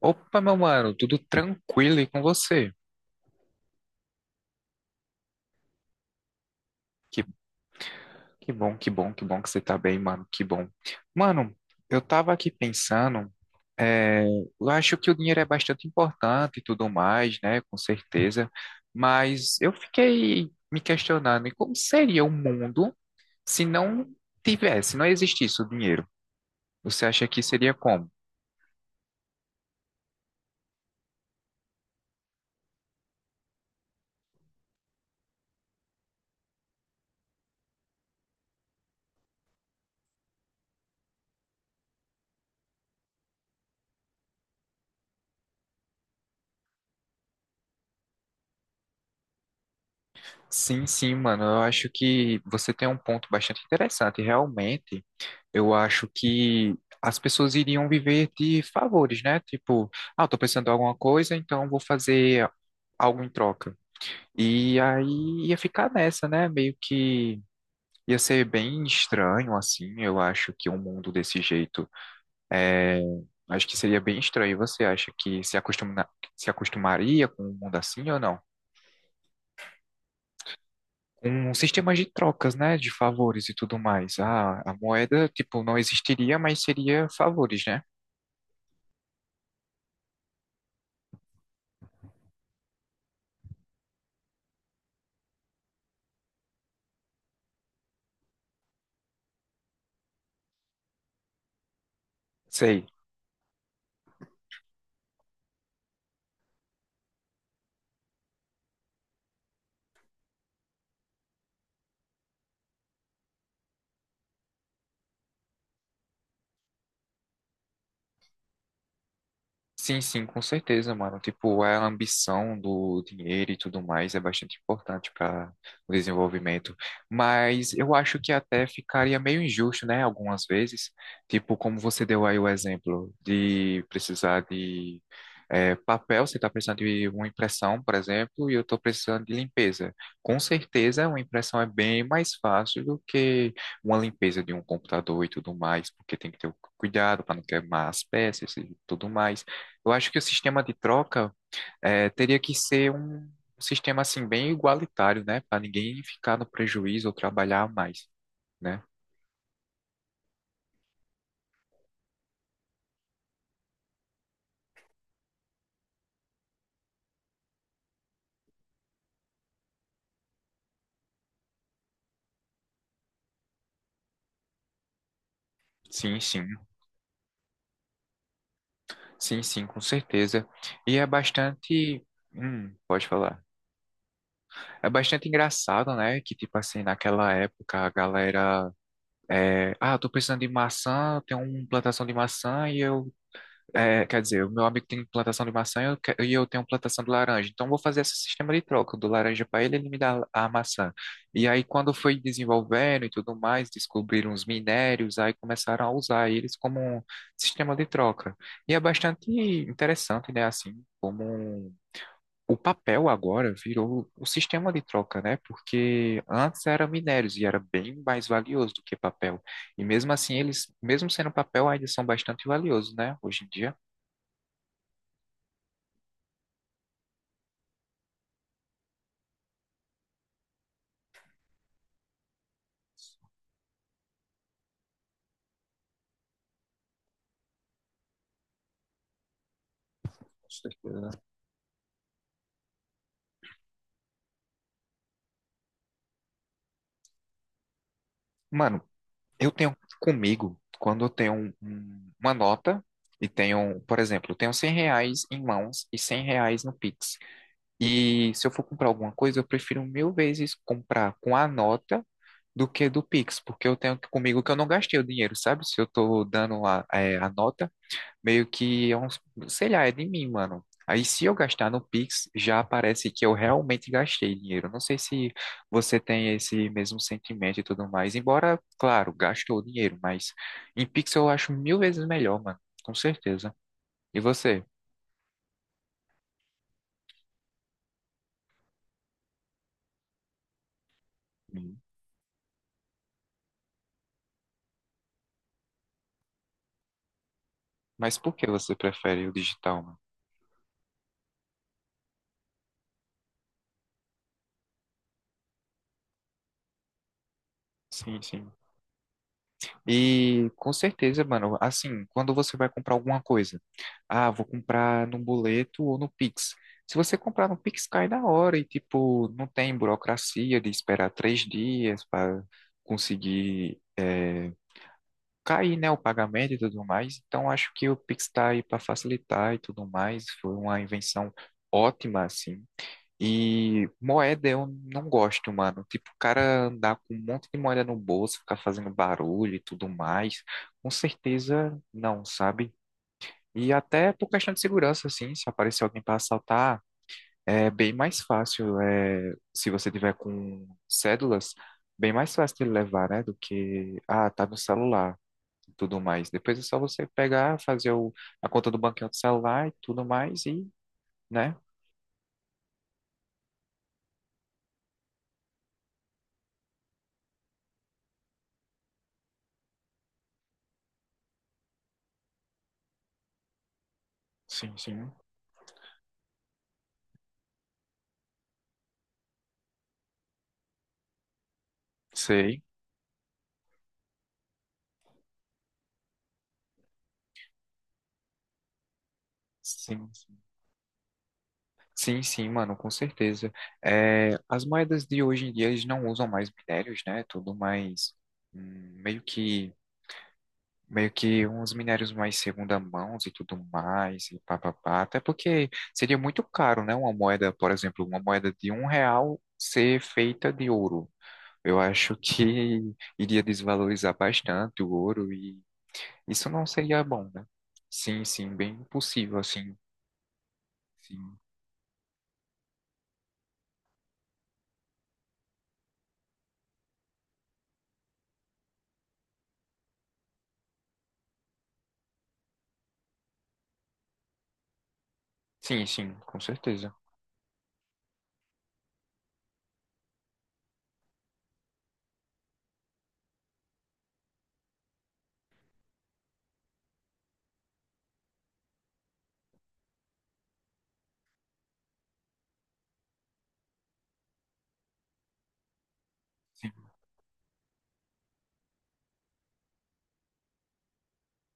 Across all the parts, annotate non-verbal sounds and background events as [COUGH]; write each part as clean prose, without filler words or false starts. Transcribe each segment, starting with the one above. Opa, meu mano, tudo tranquilo aí com você? Que, que bom, que bom, que bom que você tá bem, mano, que bom. Mano, eu tava aqui pensando, é, eu acho que o dinheiro é bastante importante e tudo mais, né, com certeza, mas eu fiquei me questionando, e como seria o mundo se não se não existisse o dinheiro? Você acha que seria como? Sim, sim, mano. Eu acho que você tem um ponto bastante interessante. Realmente, eu acho que as pessoas iriam viver de favores, né? Tipo, ah, eu tô precisando de alguma coisa, então vou fazer algo em troca. E aí ia ficar nessa, né? Meio que ia ser bem estranho, assim. Eu acho que um mundo desse jeito é. Acho que seria bem estranho. Você acha que se acostumaria com um mundo assim ou não? Um sistema de trocas, né, de favores e tudo mais. Ah, a moeda, tipo, não existiria, mas seria favores, né? Sei. Sim, sim, com certeza, mano. Tipo, a ambição do dinheiro e tudo mais é bastante importante para o desenvolvimento. Mas eu acho que até ficaria meio injusto, né? Algumas vezes. Tipo, como você deu aí o exemplo de precisar de papel, você está precisando de uma impressão, por exemplo, e eu estou precisando de limpeza. Com certeza, uma impressão é bem mais fácil do que uma limpeza de um computador e tudo mais, porque tem que ter o cuidado para não queimar as peças e tudo mais. Eu acho que o sistema de troca teria que ser um sistema assim bem igualitário, né? Para ninguém ficar no prejuízo ou trabalhar mais, né? Sim, sim, sim, sim, com certeza. E é bastante. Hum, pode falar. É bastante engraçado, né? Que tipo assim naquela época a galera, ah, tô precisando de maçã, tem uma plantação de maçã e eu é, quer dizer, o meu amigo tem plantação de maçã e eu, e eu tenho plantação de laranja. Então, eu vou fazer esse sistema de troca. Eu dou laranja para ele, ele me dá a maçã. E aí, quando foi desenvolvendo e tudo mais, descobriram os minérios, aí começaram a usar eles como um sistema de troca. E é bastante interessante, né? Assim, o papel agora virou o sistema de troca, né? Porque antes era minérios e era bem mais valioso do que papel. E mesmo assim, eles, mesmo sendo papel, ainda são bastante valiosos, né? Hoje em dia. Com certeza. Mano, eu tenho comigo, quando eu tenho uma nota e tenho, por exemplo, eu tenho 100 reais em mãos e 100 reais no Pix. E se eu for comprar alguma coisa, eu prefiro mil vezes comprar com a nota do que do Pix, porque eu tenho comigo que eu não gastei o dinheiro, sabe? Se eu tô dando a nota, meio que é um, sei lá, é de mim, mano. Aí se eu gastar no Pix, já aparece que eu realmente gastei dinheiro. Não sei se você tem esse mesmo sentimento e tudo mais. Embora, claro, gastou dinheiro, mas em Pix eu acho mil vezes melhor, mano. Com certeza. E você? Hum. Mas por que você prefere o digital, mano? Sim, sim. E com certeza, mano, assim, quando você vai comprar alguma coisa, ah, vou comprar no boleto ou no Pix. Se você comprar no Pix, cai na hora e, tipo, não tem burocracia de esperar 3 dias para conseguir cair, né, o pagamento e tudo mais. Então, acho que o Pix tá aí para facilitar e tudo mais. Foi uma invenção ótima, assim, e moeda eu não gosto, mano. Tipo, o cara andar com um monte de moeda no bolso, ficar fazendo barulho e tudo mais. Com certeza não, sabe? E até por questão de segurança, assim, se aparecer alguém para assaltar, é bem mais fácil. É, se você tiver com cédulas, bem mais fácil de levar, né? Do que, ah, tá no celular e tudo mais. Depois é só você pegar, fazer o, a conta do banco do celular e tudo mais e, né? Sim, sim. Sei. Sim. Sim, sim, mano, com certeza. É, as moedas de hoje em dia, eles não usam mais minérios, né? Tudo mais, hum, meio que, meio que uns minérios mais segunda mão e tudo mais, e papapá. Até porque seria muito caro, né? Uma moeda, por exemplo, uma moeda de 1 real ser feita de ouro. Eu acho que [LAUGHS] iria desvalorizar bastante o ouro e isso não seria bom, né? Sim, sim, bem possível, assim. Sim, sim, sim, com certeza.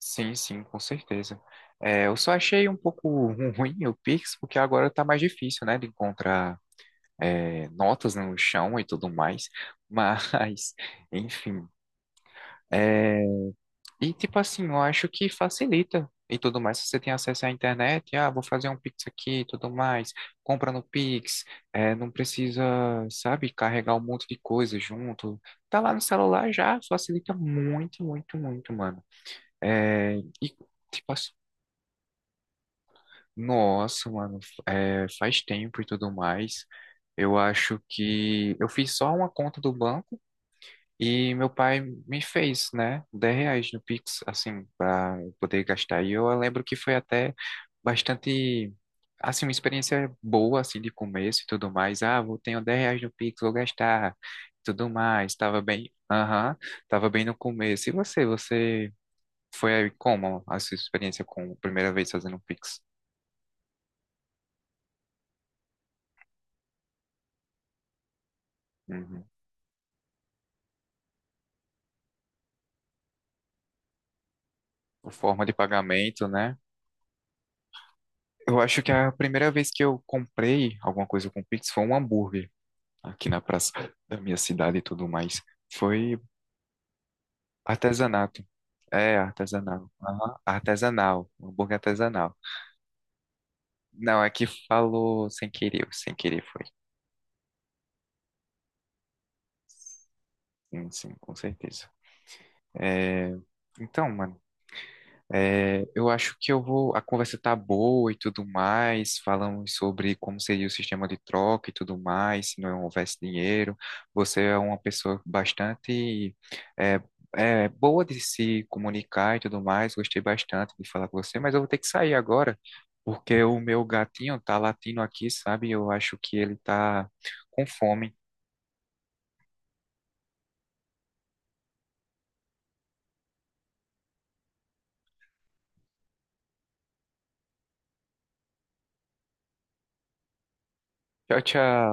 Sim, sim, com certeza. Eu só achei um pouco ruim o Pix, porque agora tá mais difícil, né, de encontrar notas no chão e tudo mais. Mas, [LAUGHS] enfim. É, e, tipo assim, eu acho que facilita e tudo mais. Se você tem acesso à internet, ah, vou fazer um Pix aqui e tudo mais, compra no Pix, é, não precisa, sabe, carregar um monte de coisa junto. Tá lá no celular já, facilita muito, muito, muito, mano. E, tipo assim, Nossa, mano, faz tempo e tudo mais. Eu acho que eu fiz só uma conta do banco e meu pai me fez, né, 10 reais no Pix, assim, para poder gastar. E eu lembro que foi até bastante, assim, uma experiência boa, assim, de começo e tudo mais. Ah, vou tenho 10 reais no Pix, vou gastar, tudo mais. Tava bem, aham, tava bem no começo. E você, você foi como a sua experiência com a primeira vez fazendo Pix? Uhum. Por forma de pagamento, né? Eu acho que a primeira vez que eu comprei alguma coisa com Pix foi um hambúrguer aqui na praça da minha cidade e tudo mais. Foi artesanato. É, artesanal. Aham, artesanal, um hambúrguer artesanal. Não, é que falou sem querer, sem querer foi. Sim, sim, com certeza. É, Então, mano. Eu acho que eu vou. A conversa tá boa e tudo mais. Falamos sobre como seria o sistema de troca e tudo mais, se não houvesse dinheiro. Você é uma pessoa bastante é, boa de se comunicar e tudo mais. Gostei bastante de falar com você, mas eu vou ter que sair agora, porque o meu gatinho tá latindo aqui, sabe? Eu acho que ele tá com fome. Tchau, tchau.